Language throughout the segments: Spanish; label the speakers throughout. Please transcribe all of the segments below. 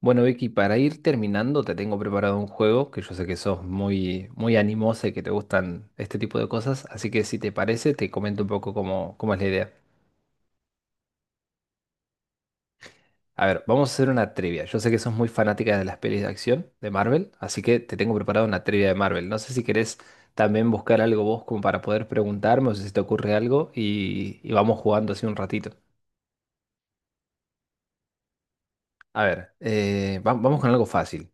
Speaker 1: Bueno, Vicky, para ir terminando, te tengo preparado un juego que yo sé que sos muy, muy animosa y que te gustan este tipo de cosas, así que si te parece, te comento un poco cómo es la idea. A ver, vamos a hacer una trivia. Yo sé que sos muy fanática de las pelis de acción de Marvel, así que te tengo preparado una trivia de Marvel. No sé si querés también buscar algo vos como para poder preguntarme o si se te ocurre algo y vamos jugando así un ratito. A ver, vamos con algo fácil.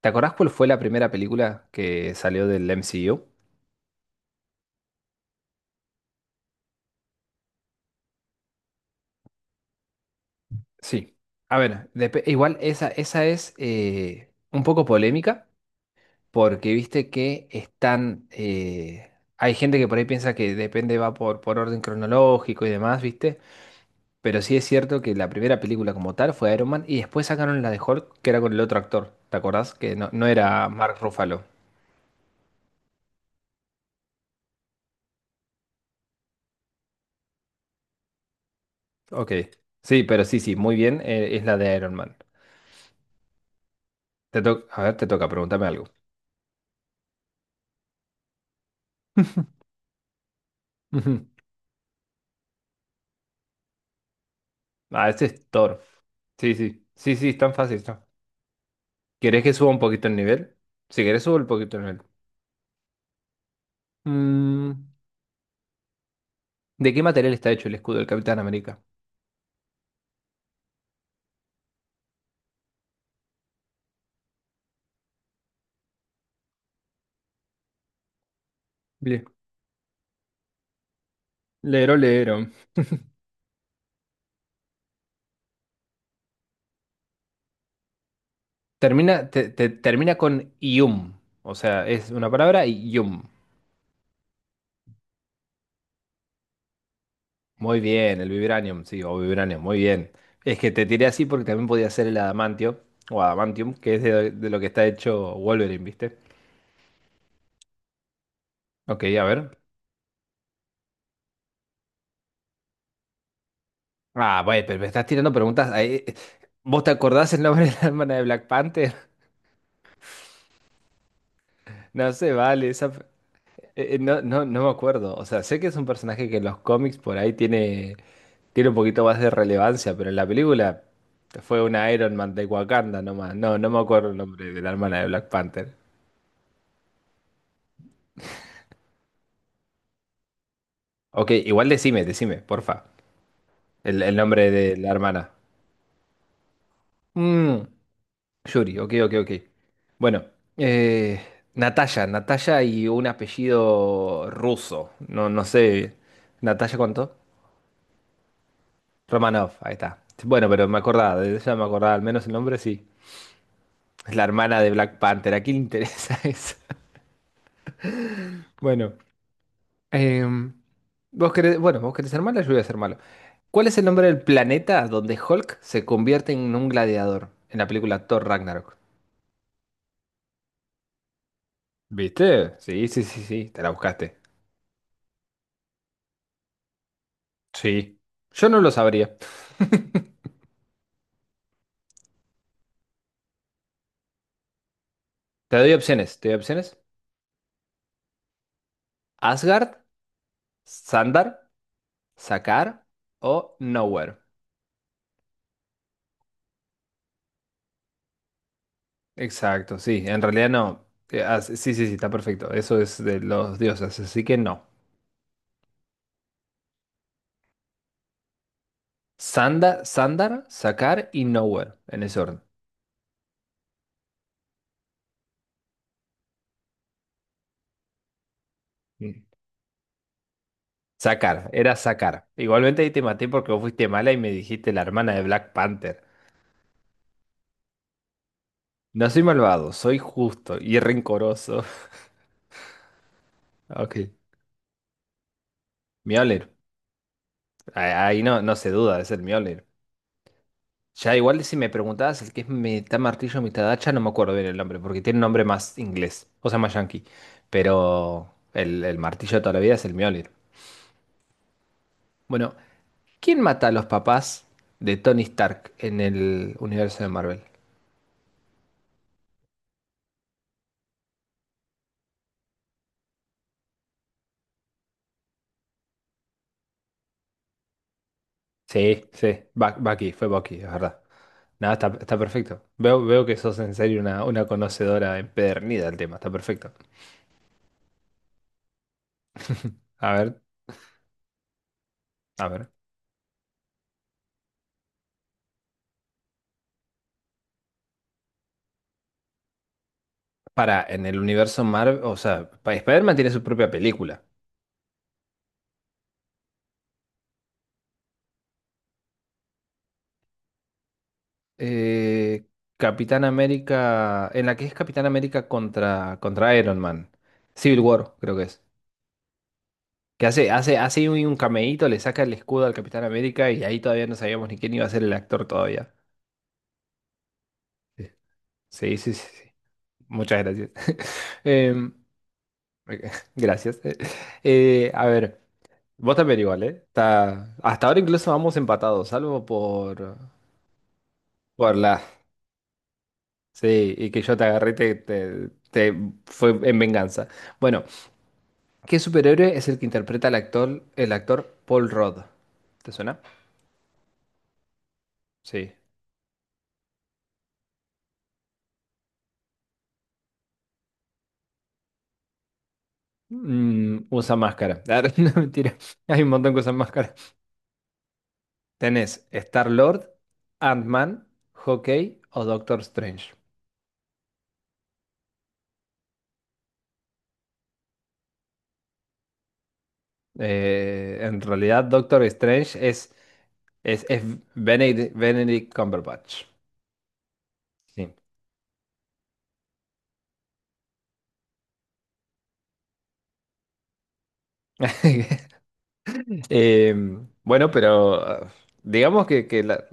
Speaker 1: ¿Te acordás cuál fue la primera película que salió del MCU? Sí. A ver, igual esa, esa es un poco polémica porque viste que están. Hay gente que por ahí piensa que depende, va por orden cronológico y demás, ¿viste? Pero sí es cierto que la primera película como tal fue Iron Man y después sacaron la de Hulk que era con el otro actor, ¿te acordás? Que no era Mark Ruffalo. Ok. Sí, pero sí, muy bien, es la de Iron Man. A ver, te toca, pregúntame algo. Ujú. Ah, este es Thor. Sí, es tan fácil, ¿no? ¿Querés que suba un poquito el nivel? Si querés, subo un poquito el nivel. Mm, ¿De qué material está hecho el escudo del Capitán América? Le- Lero, lero. Termina, termina con ium. O sea, es una palabra y ium. Muy bien, el vibranium, sí, o vibranium, muy bien. Es que te tiré así porque también podía ser el adamantio, o adamantium, que es de lo que está hecho Wolverine, ¿viste? Ok, a ver. Ah, bueno, pero me estás tirando preguntas ahí. ¿Vos te acordás el nombre de la hermana de Black Panther? No se vale, esa. No me acuerdo. O sea, sé que es un personaje que en los cómics por ahí tiene, tiene un poquito más de relevancia, pero en la película fue una Iron Man de Wakanda nomás. No, no me acuerdo el nombre de la hermana de Black Panther. Ok, igual decime, porfa. El nombre de la hermana. Mm, Yuri, ok. Bueno, eh, Natalia, Natalia y un apellido ruso. No, no sé. ¿Natalia cuánto? Romanov, ahí está. Bueno, pero me acordaba, de ella me acordaba al menos el nombre, sí. Es la hermana de Black Panther. ¿A quién le interesa eso? Bueno, em, vos querés, bueno, vos querés ser malo, yo voy a ser malo. ¿Cuál es el nombre del planeta donde Hulk se convierte en un gladiador en la película Thor Ragnarok? ¿Viste? Sí, te la buscaste. Sí. Yo no lo sabría. Te doy opciones. Asgard, Sandar, Sakaar o Nowhere. Exacto, sí, en realidad no. Sí, sí, está perfecto. Eso es de los dioses, así que no. Sanda, Sandar, Sakar y Nowhere, en ese orden. Mm. Sakar, era Sakar. Igualmente ahí te maté porque vos fuiste mala y me dijiste la hermana de Black Panther. No soy malvado, soy justo y rencoroso. Ok. Mjolnir. Ah, ahí no se duda, es el Mjolnir. Ya igual si me preguntabas el que es mitad martillo, mitad hacha, no me acuerdo bien el nombre, porque tiene un nombre más inglés, o sea, más yankee. Pero el martillo de toda la vida es el Mjolnir. Bueno, ¿quién mata a los papás de Tony Stark en el universo de Marvel? Bucky, fue Bucky, es verdad. Nada, está perfecto. Veo que sos en serio una conocedora empedernida del tema, está perfecto. A ver, a ver. Para, en el universo Marvel, Spider-Man tiene su propia película. Eh, Capitán América, en la que es Capitán América contra Iron Man. Civil War, creo que es. Que hace un cameíto, le saca el escudo al Capitán América y ahí todavía no sabíamos ni quién iba a ser el actor todavía. Sí, sí. Muchas gracias. Em, gracias. Eh, a ver, vos también igual, ¿eh? Está- hasta ahora incluso vamos empatados, salvo por, por la. Sí, y que yo te agarré, fue en venganza. Bueno, ¿qué superhéroe es el que interpreta al actor, el actor Paul Rudd? ¿Te suena? Sí. Mm, usa máscara. Ah, no, mentira. Hay un montón que usan máscara. Tenés Star-Lord, Ant-Man, Hawkeye o Doctor Strange. En realidad, Doctor Strange es Benedict, Benedict Cumberbatch. Sí. Eh, bueno, digamos que.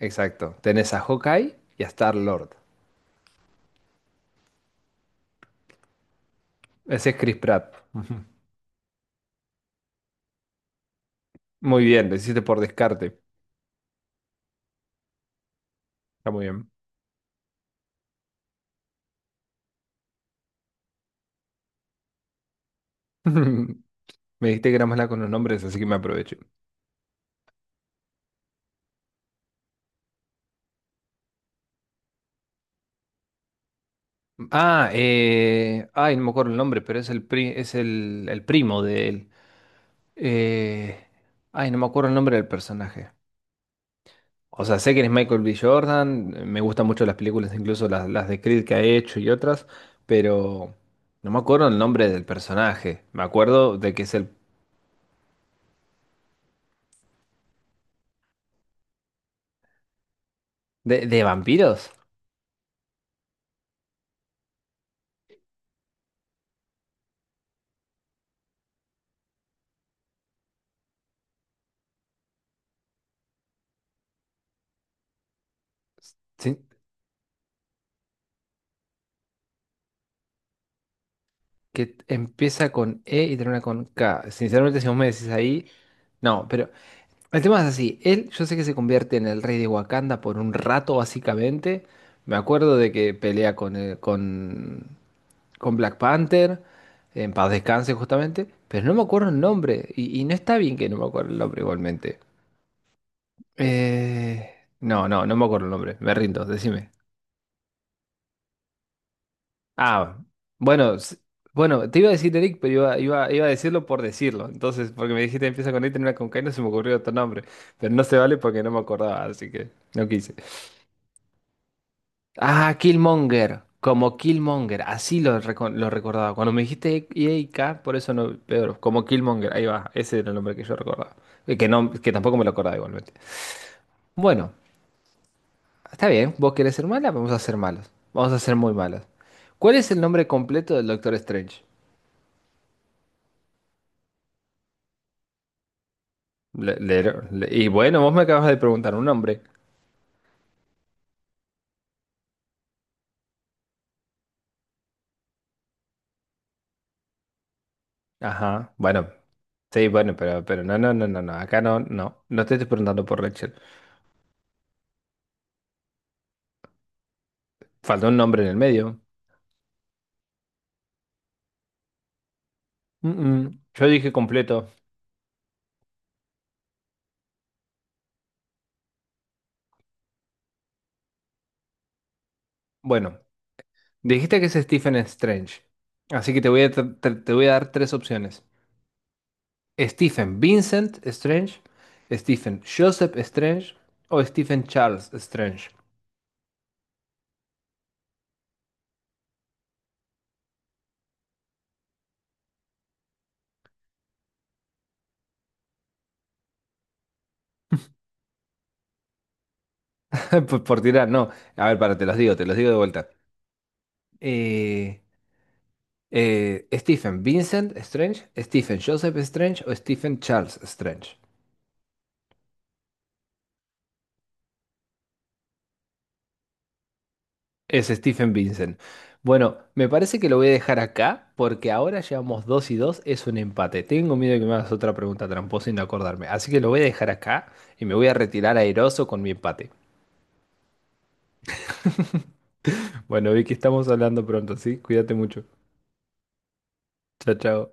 Speaker 1: Exacto. Tenés a Hawkeye y a Star-Lord. Ese es Chris Pratt. Ujú. Muy bien, lo hiciste por descarte. Está muy bien. Me dijiste que era mala con los nombres, así que me aprovecho. Ah, no me acuerdo el nombre, pero es el primo de él. Eh, no me acuerdo el nombre del personaje. O sea, sé que es Michael B. Jordan, me gustan mucho las películas, incluso las de Creed que ha hecho y otras, pero no me acuerdo el nombre del personaje. Me acuerdo de que es el... de vampiros? Sí, que empieza con E y termina con K. Sinceramente, si vos me decís ahí, no, pero... El tema es así, él yo sé que se convierte en el rey de Wakanda por un rato básicamente. Me acuerdo de que pelea con Black Panther, en paz descanse justamente, pero no me acuerdo el nombre y no está bien que no me acuerdo el nombre igualmente. Eh, no me acuerdo el nombre, me rindo, decime. Ah, bueno, s- bueno, te iba a decir Eric, pero iba a decirlo por decirlo. Entonces, porque me dijiste empieza con E y termina con K, y no se me ocurrió otro nombre, pero no se vale porque no me acordaba, así que no quise. Ah, Killmonger, como Killmonger, así lo, lo recordaba. Cuando me dijiste EAK, por eso no, Pedro, como Killmonger, ahí va, ese era el nombre que yo recordaba. Y que, no, que tampoco me lo acordaba igualmente. Bueno, está bien, vos querés ser mala, vamos a ser malos, vamos a ser muy malos. ¿Cuál es el nombre completo del Doctor Strange? Le- le- y bueno, vos me acabas de preguntar un nombre. Ajá, bueno, sí, bueno, acá no te estoy preguntando por Rachel. Falta un nombre en el medio. Yo dije completo. Bueno, dijiste que es Stephen Strange. Así que te voy a, te voy a dar tres opciones. Stephen Vincent Strange, Stephen Joseph Strange o Stephen Charles Strange. Por tirar, no. A ver, para, te los digo de vuelta. Eh, Stephen Vincent Strange, Stephen Joseph Strange o Stephen Charles Strange. Es Stephen Vincent. Bueno, me parece que lo voy a dejar acá porque ahora llevamos 2 y 2, es un empate. Tengo miedo de que me hagas otra pregunta tramposa y no acordarme. Así que lo voy a dejar acá y me voy a retirar airoso con mi empate. Bueno, Vicky, estamos hablando pronto, ¿sí? Cuídate mucho. Chao, chao.